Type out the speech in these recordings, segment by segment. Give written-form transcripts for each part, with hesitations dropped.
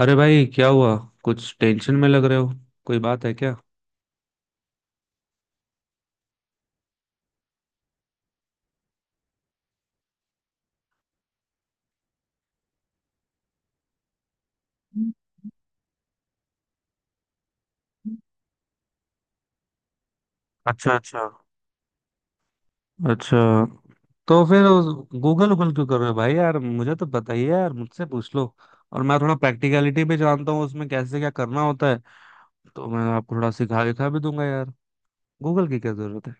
अरे भाई, क्या हुआ? कुछ टेंशन में लग रहे हो। कोई बात है क्या? अच्छा, अच्छा। अच्छा, तो फिर गूगल गूगल क्यों कर रहे हो भाई? यार मुझे तो बताइए, यार मुझसे पूछ लो। और मैं थोड़ा प्रैक्टिकलिटी भी जानता हूँ, उसमें कैसे क्या करना होता है। तो मैं आपको थोड़ा सिखा दिखा भी दूंगा यार। गूगल की क्या जरूरत है?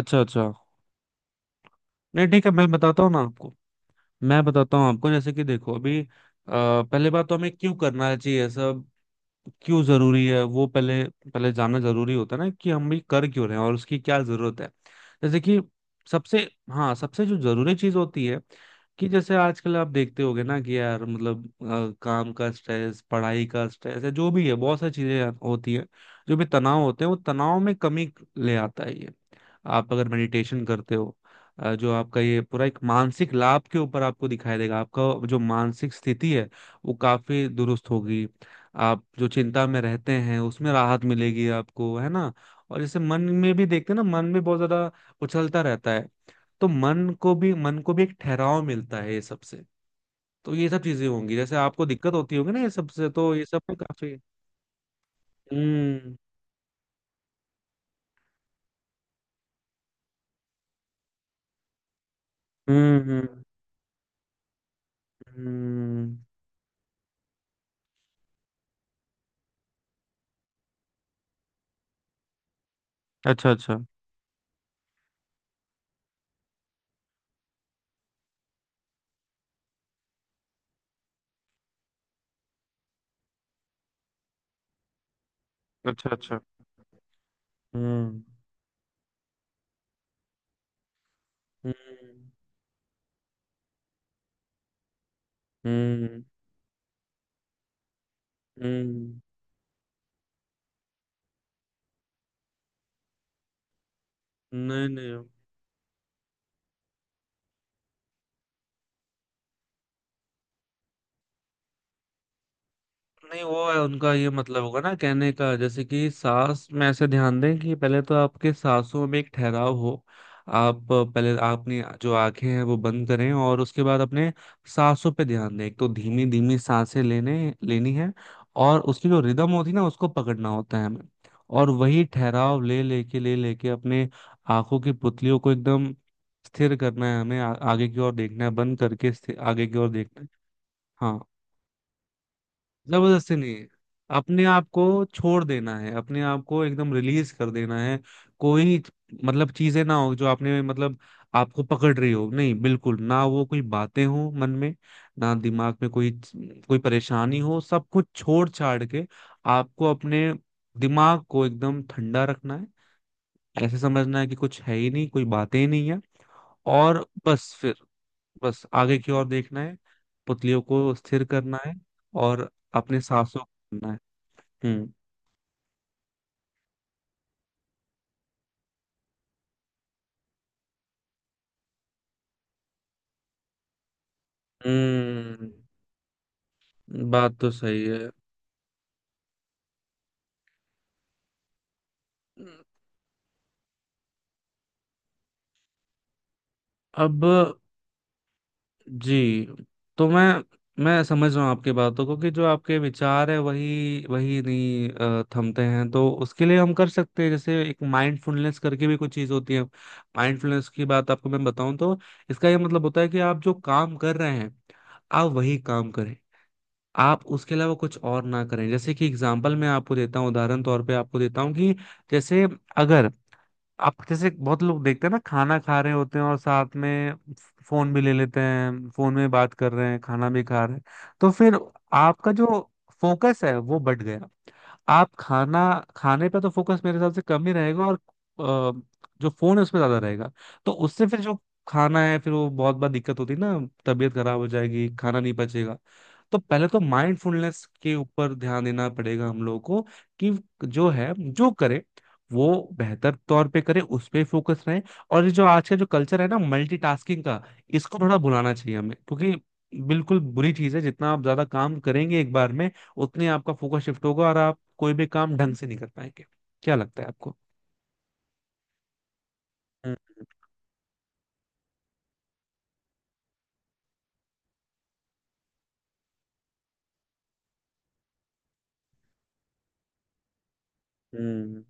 अच्छा, अच्छा। नहीं, ठीक है मैं बताता हूँ ना आपको। मैं बताता हूँ आपको। जैसे कि देखो अभी पहले बात तो हमें क्यों करना चाहिए सब, क्यों जरूरी है वो पहले। पहले जानना जरूरी होता है ना कि हम भी कर क्यों रहे हैं और उसकी क्या जरूरत है। जैसे कि सबसे, हाँ सबसे जो जरूरी चीज होती है कि जैसे आजकल आप देखते होगे ना कि यार मतलब काम का स्ट्रेस, पढ़ाई का स्ट्रेस है, जो भी है बहुत सारी चीजें यार होती है। जो भी तनाव होते हैं वो तनाव में कमी ले आता है ये। आप अगर मेडिटेशन करते हो जो आपका ये पूरा एक मानसिक लाभ के ऊपर आपको दिखाई देगा। आपका जो मानसिक स्थिति है वो काफी दुरुस्त होगी। आप जो चिंता में रहते हैं उसमें राहत मिलेगी आपको, है ना। और जैसे मन में भी देखते हैं ना, मन में बहुत ज्यादा उछलता रहता है। तो मन को भी एक ठहराव मिलता है ये सबसे। तो ये सब चीजें होंगी, जैसे आपको दिक्कत होती होगी ना ये सबसे, तो ये सब में काफी। हम्म। हम्म। हम्म। हम्म। अच्छा, अच्छा। अच्छा, अच्छा। हम्म। हम्म। हम्म। हम्म। नहीं, नहीं। नहीं, वो है उनका ये मतलब होगा ना कहने का, जैसे कि सांस में ऐसे ध्यान दें कि पहले तो आपके सांसों में एक ठहराव हो। आप पहले अपनी जो आंखें हैं वो बंद करें और उसके बाद अपने सांसों पे ध्यान दें। एक तो धीमी धीमी सांसें लेने लेनी है। और उसकी जो रिदम होती है ना उसको पकड़ना होता है हमें। और वही ठहराव ले लेके अपने आंखों की पुतलियों को एकदम स्थिर करना है हमें। आगे की ओर देखना है, बंद करके आगे की ओर देखना है। हाँ, जबरदस्ती नहीं, अपने आप को छोड़ देना है, अपने आप को एकदम रिलीज कर देना है। कोई, मतलब चीजें ना हो जो आपने मतलब आपको पकड़ रही हो। नहीं, बिल्कुल ना वो कोई बातें हो मन में, ना दिमाग में कोई कोई परेशानी हो। सब कुछ छोड़ छाड़ के आपको अपने दिमाग को एकदम ठंडा रखना है। ऐसे समझना है कि कुछ है ही नहीं, कोई बातें ही नहीं है। और बस फिर, बस आगे की ओर देखना है, पुतलियों को स्थिर करना है और अपने सांसों को सुनना है। हम्म। हम्म, बात तो सही है। अब, जी। तो मैं समझ रहा हूँ आपकी बातों को कि जो आपके विचार है वही वही नहीं थमते हैं, तो उसके लिए हम कर सकते हैं, जैसे एक माइंडफुलनेस करके भी कुछ चीज होती है। माइंडफुलनेस की बात आपको मैं बताऊं तो इसका ये मतलब होता है कि आप जो काम कर रहे हैं, आप वही काम करें। आप उसके अलावा कुछ और ना करें। जैसे कि एग्जाम्पल मैं आपको देता हूँ, उदाहरण तौर पे आपको देता हूँ कि जैसे अगर आप, जैसे बहुत लोग देखते हैं ना, खाना खा रहे होते हैं और साथ में फोन भी ले लेते हैं, फोन में बात कर रहे हैं, खाना भी खा रहे हैं। तो फिर आपका जो फोकस है वो बढ़ गया। आप खाना खाने पे तो फोकस मेरे हिसाब से कम ही रहेगा और अ, जो फोन है उस पर ज्यादा रहेगा। तो उससे फिर जो खाना है फिर वो, बहुत बार दिक्कत होती है ना, तबीयत खराब हो जाएगी, खाना नहीं पचेगा। तो पहले तो माइंडफुलनेस के ऊपर ध्यान देना पड़ेगा हम लोगों को कि जो है जो करे वो बेहतर तौर पे करे, उस पे फोकस रहे। और ये जो आज का जो कल्चर है ना मल्टीटास्किंग का, इसको थोड़ा भुलाना चाहिए हमें, क्योंकि बिल्कुल बुरी चीज है। जितना आप ज्यादा काम करेंगे एक बार में, उतने आपका फोकस शिफ्ट होगा और आप कोई भी काम ढंग से नहीं कर पाएंगे। क्या लगता है आपको? हम्म। हम्म।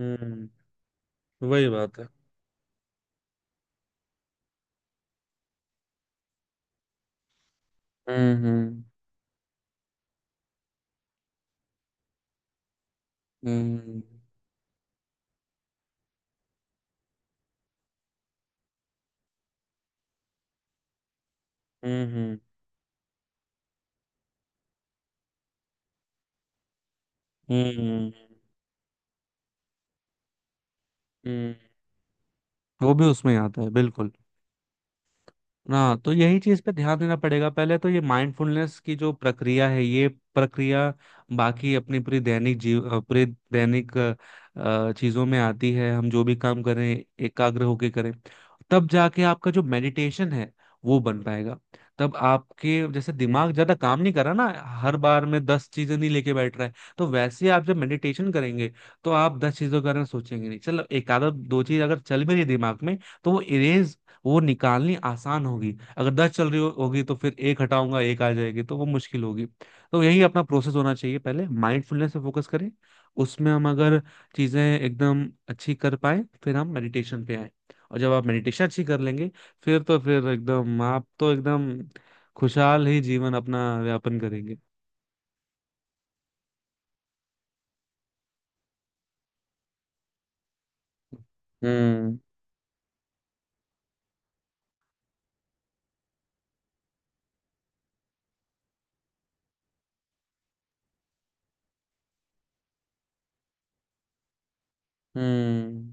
हम्म, वही बात है। हम्म। हम्म। हम्म। हम्म। हम्म। हम्म, वो भी उसमें आता है बिल्कुल। ना तो यही चीज पे ध्यान देना पड़ेगा पहले, तो ये माइंडफुलनेस की जो प्रक्रिया है, ये प्रक्रिया बाकी अपनी पूरी दैनिक पूरे दैनिक चीजों में आती है। हम जो भी काम करें एकाग्र होके करें, तब जाके आपका जो मेडिटेशन है वो बन पाएगा। तब आपके जैसे दिमाग ज्यादा काम नहीं कर रहा ना, हर बार में दस चीजें नहीं लेके बैठ रहा है। तो वैसे ही आप जब मेडिटेशन करेंगे तो आप दस चीजों के बारे में सोचेंगे नहीं। चलो, एक आधा दो चीज अगर चल भी रही है दिमाग में, तो वो इरेज, वो निकालनी आसान होगी। अगर दस चल रही हो, होगी, तो फिर एक हटाऊंगा एक आ जाएगी, तो वो मुश्किल होगी। तो यही अपना प्रोसेस होना चाहिए, पहले माइंडफुलनेस पे फोकस करें। उसमें हम अगर चीजें एकदम अच्छी कर पाए, फिर हम मेडिटेशन पे आए। और जब आप मेडिटेशन अच्छी कर लेंगे, फिर तो फिर एकदम आप तो एकदम खुशहाल ही जीवन अपना व्यापन करेंगे। हम्म। हम्म।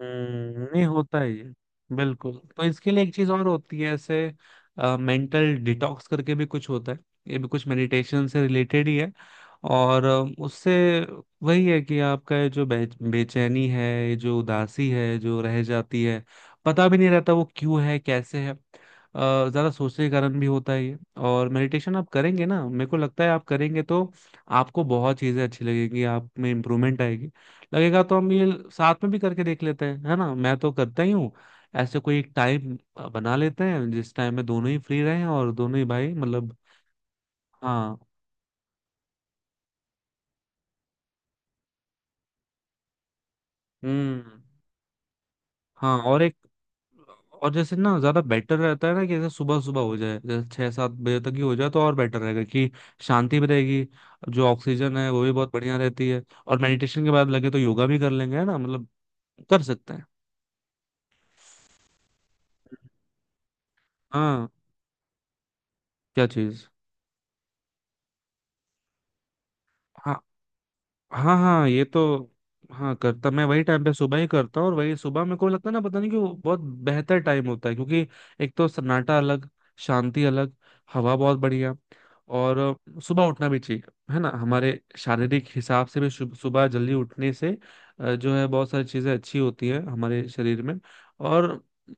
नहीं होता है ये। बिल्कुल, तो इसके लिए एक चीज और होती है ऐसे, मेंटल डिटॉक्स करके भी कुछ होता है। ये भी कुछ मेडिटेशन से रिलेटेड ही है। और उससे वही है कि आपका ये जो बेचैनी है, ये जो उदासी है जो रह जाती है, पता भी नहीं रहता वो क्यों है कैसे है, ज्यादा सोचने के कारण भी होता है ये। और मेडिटेशन आप करेंगे ना, मेरे को लगता है आप करेंगे तो आपको बहुत चीजें अच्छी लगेगी, आप में इम्प्रूवमेंट आएगी। लगेगा तो हम ये साथ में भी करके देख लेते हैं, है ना, मैं तो करता ही हूँ। ऐसे कोई एक टाइम बना लेते हैं, जिस टाइम में दोनों ही फ्री रहे और दोनों ही भाई मतलब। हाँ। हम्म। हाँ और एक, और जैसे ना ज्यादा बेटर रहता है ना, कि जैसे सुबह सुबह हो जाए, जैसे छह सात बजे तक ही हो जाए तो और बेटर रहेगा, कि शांति भी रहेगी। जो ऑक्सीजन है वो भी बहुत बढ़िया रहती है। और मेडिटेशन के बाद लगे तो योगा भी कर लेंगे, है ना मतलब, कर सकते हैं। हाँ, क्या चीज? हाँ, हाँ, हाँ ये तो। हाँ, करता, मैं वही टाइम पे सुबह ही करता हूँ। और वही सुबह मेरे को लगता है ना, पता नहीं क्यों बहुत बेहतर टाइम होता है। क्योंकि एक तो सन्नाटा अलग, शांति अलग, हवा बहुत बढ़िया। और सुबह उठना भी ठीक है ना, हमारे शारीरिक हिसाब से भी सुबह जल्दी उठने से जो है बहुत सारी चीजें अच्छी होती है हमारे शरीर में। और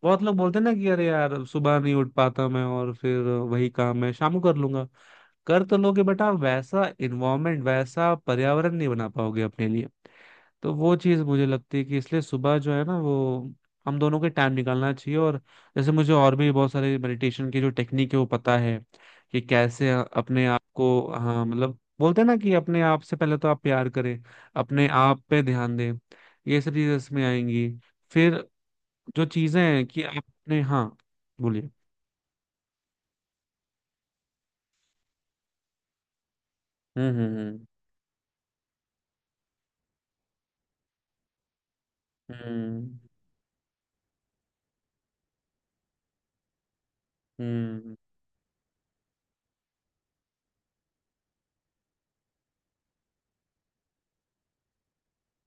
बहुत लोग बोलते हैं ना कि अरे यार सुबह नहीं उठ पाता मैं और फिर वही काम मैं शाम को कर लूंगा। कर तो लोगे, बट आप वैसा इन्वायरमेंट, वैसा पर्यावरण नहीं बना पाओगे अपने लिए। तो वो चीज मुझे लगती है कि इसलिए सुबह जो है ना, वो हम दोनों के टाइम निकालना चाहिए। और जैसे मुझे और भी बहुत सारे मेडिटेशन की जो टेक्निक है वो पता है, कि कैसे अपने आप को। हाँ, मतलब बोलते हैं ना कि अपने आप से पहले तो आप प्यार करें, अपने आप पे ध्यान दें, ये सब चीजें इसमें आएंगी। फिर जो चीजें हैं कि आपने। हाँ, बोलिए। हम्म। हम्म। हम्म। हम्म।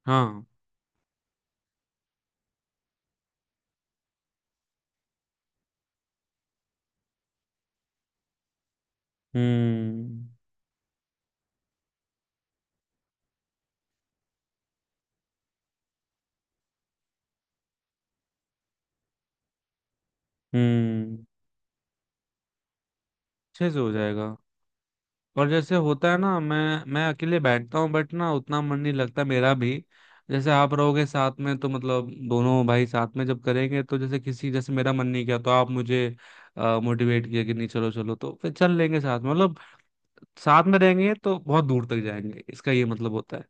हाँ। हम्म। हम्म, अच्छे से हो जाएगा। और जैसे होता है ना, मैं अकेले बैठता हूँ बट ना उतना मन नहीं लगता मेरा भी। जैसे आप रहोगे साथ में, तो मतलब दोनों भाई साथ में जब करेंगे तो जैसे किसी, जैसे मेरा मन नहीं किया तो आप मुझे मोटिवेट किया कि नहीं चलो चलो, तो फिर चल लेंगे साथ में मतलब। साथ में रहेंगे तो बहुत दूर तक जाएंगे, इसका ये मतलब होता है।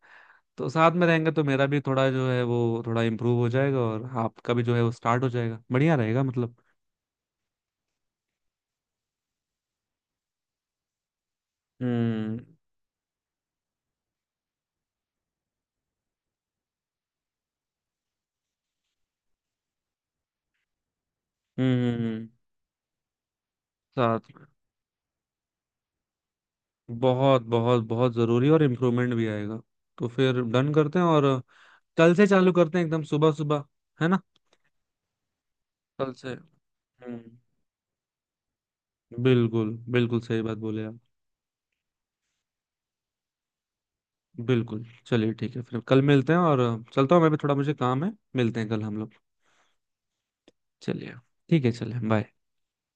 तो साथ में रहेंगे तो मेरा भी थोड़ा जो है वो थोड़ा इम्प्रूव हो जाएगा और आपका भी जो है वो स्टार्ट हो जाएगा, बढ़िया रहेगा मतलब। हम्म। हम्म। साथ में बहुत बहुत बहुत जरूरी, और इम्प्रूवमेंट भी आएगा। तो फिर डन करते हैं। और कल से चालू करते हैं एकदम सुबह सुबह, है ना, कल से। हम्म। बिल्कुल। बिल्कुल सही बात बोले आप। बिल्कुल, चलिए ठीक है फिर कल मिलते हैं। और चलता हूँ मैं भी, थोड़ा मुझे काम है, मिलते हैं कल हम लोग। चलिए। ठीक है, चलिए, बाय।